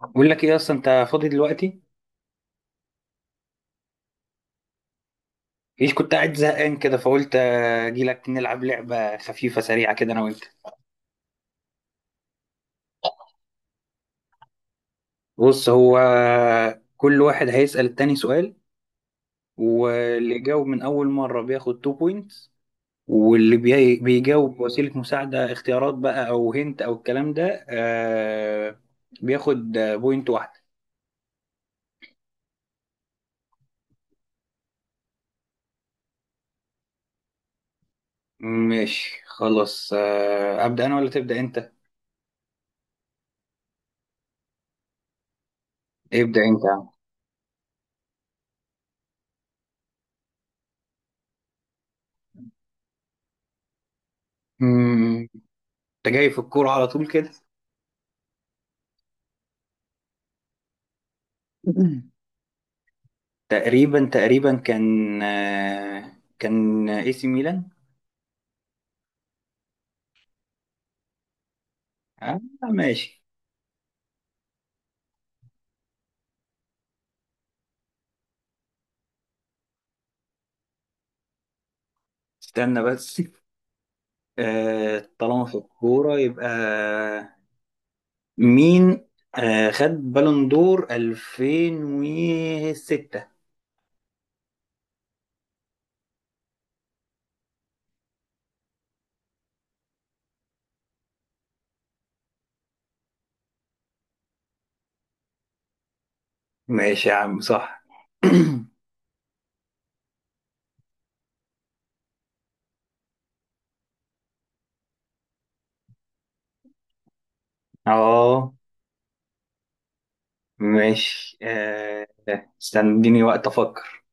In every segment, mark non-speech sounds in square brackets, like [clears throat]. بقول لك ايه اصلا انت فاضي دلوقتي؟ ايش كنت قاعد زهقان كده، فقلت اجي لك نلعب لعبه خفيفه سريعه كده انا وانت. بص كل واحد هيسأل التاني سؤال. واللي يجاوب من اول مره بياخد 2 بوينتس، واللي بيجاوب بوسيله مساعده، اختيارات بقى او هنت او الكلام ده، بياخد بوينت واحده. ماشي خلاص، ابدا انا ولا تبدا انت؟ ابدا انت يا عم. مم، انت جاي في الكوره على طول كده؟ [laughs] تقريبا تقريبا كان اي سي ميلان. آه ماشي. استنى بس، آه طالما في الكورة، يبقى مين؟ آه، خد بالون دور 2006؟ ماشي يا عم صح. [coughs] [clears throat] اه ماشي آه. استنى اديني وقت افكر.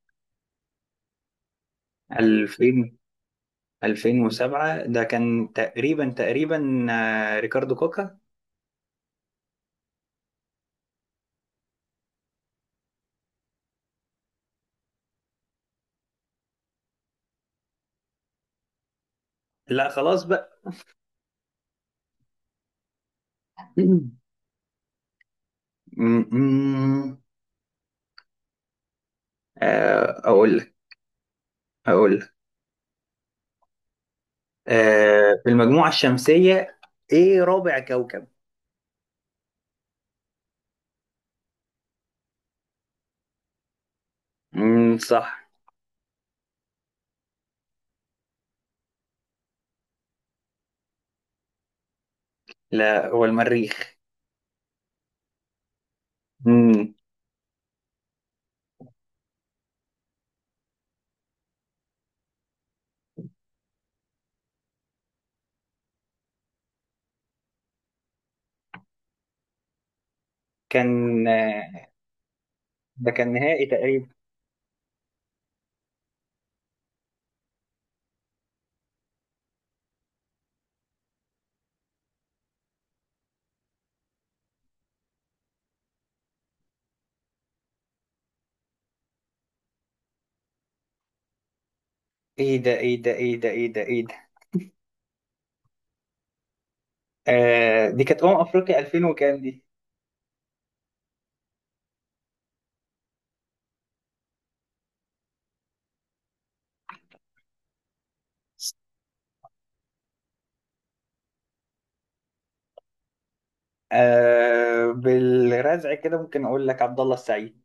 2000 2007 ده كان تقريبا تقريبا آه ريكاردو كوكا. لا خلاص بقى. [coughs] [clears throat] م- م- أقول لك. أقول لك. آه، في المجموعة الشمسية، إيه رابع كوكب؟ مم، صح. لا هو المريخ. مم. كان آه، ده كان نهائي تقريبا. إيه ده إيه ده إيه ده إيه ده إيه ده. آه، دي كانت أمم أفريقيا 2000 وكام دي؟ آه، بالرزع كده ممكن أقول لك عبد الله السعيد.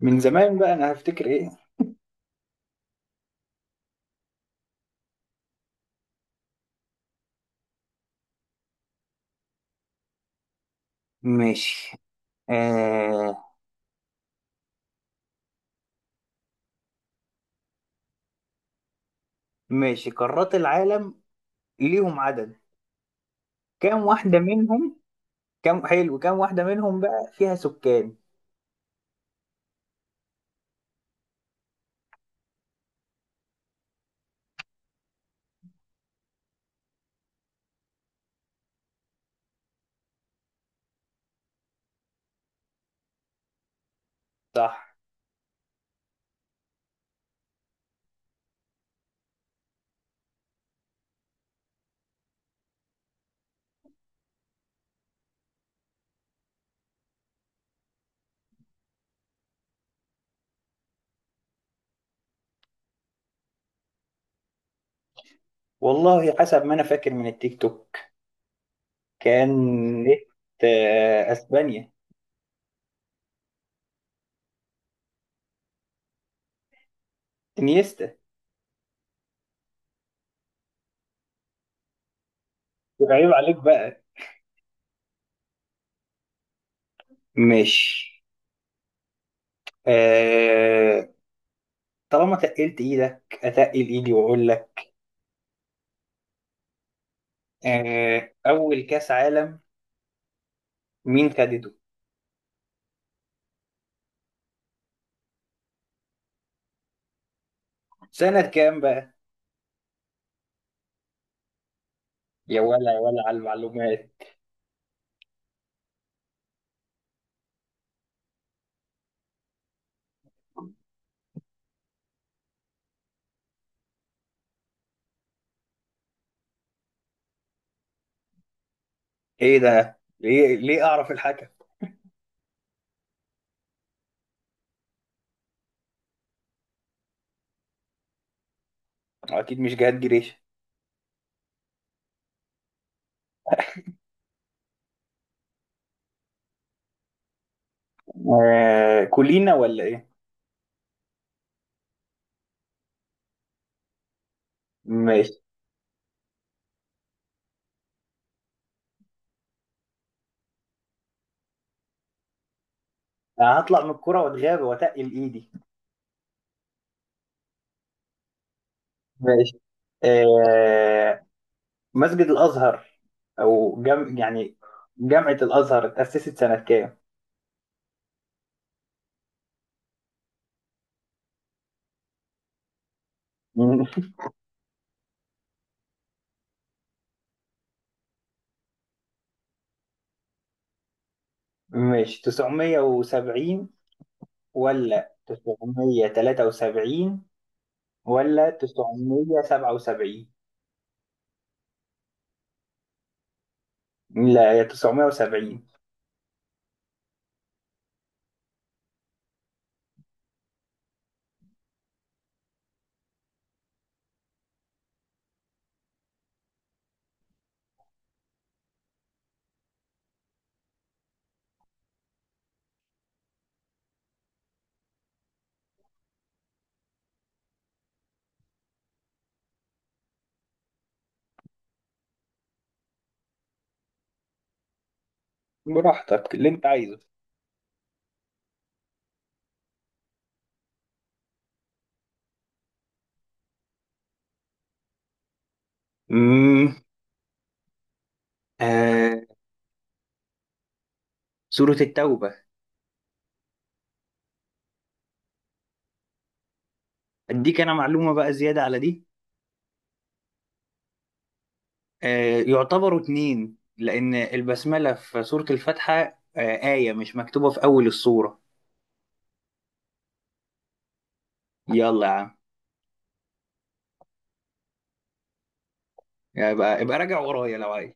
من زمان بقى، أنا هفتكر إيه؟ ماشي آه. ماشي، قارات العالم ليهم عدد. كام واحدة منهم؟ كم حلو، كم واحدة منهم بقى فيها سكان؟ صح. والله حسب ما أنا فاكر من التيك توك، كان نت آه، أسبانيا. انيستا. يبقى عيب عليك بقى. ماشي. آه... طالما تقلت إيدك، أتقل إيدي وأقول لك. أول كأس عالم مين خدته؟ سنة كام بقى؟ يا ولا يا ولا على المعلومات. إيه ده؟ ليه أعرف الحكم؟ أكيد مش جهاد جريشة. كولينا ولا إيه؟ ماشي. يعني هطلع من الكوره واتغاب واتقل ايدي. ماشي. آه، مسجد الازهر، يعني جامعه الازهر اتاسست سنه كام؟ [laughs] مش 970؟ ولا 973؟ ولا 977؟ لا هي 970. براحتك اللي انت عايزه. امم. آه. سورة التوبة. اديك انا معلومة بقى زيادة على دي. آه، يعتبروا اتنين، لأن البسملة في سورة الفاتحة آية مش مكتوبة في أول السورة. يلا يا عم. يبقى ابقى راجع ورايا لو عايز.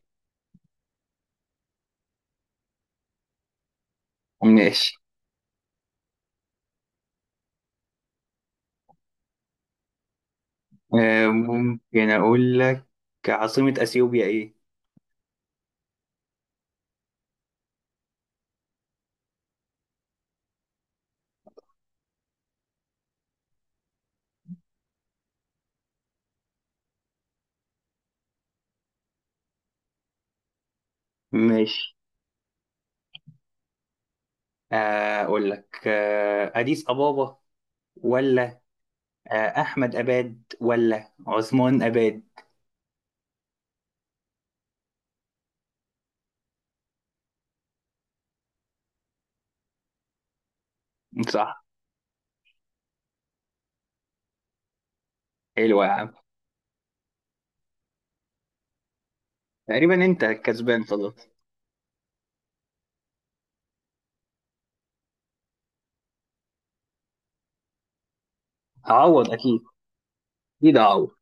ماشي. آه، ممكن أقول لك عاصمة أثيوبيا إيه؟ ماشي. أقول لك أديس أبابا، ولا أحمد أباد ولا عثمان أباد؟ صح. حلو يا عم. تقريبا أنت كسبان خلاص. أعوض أكيد. أكيد أعوض.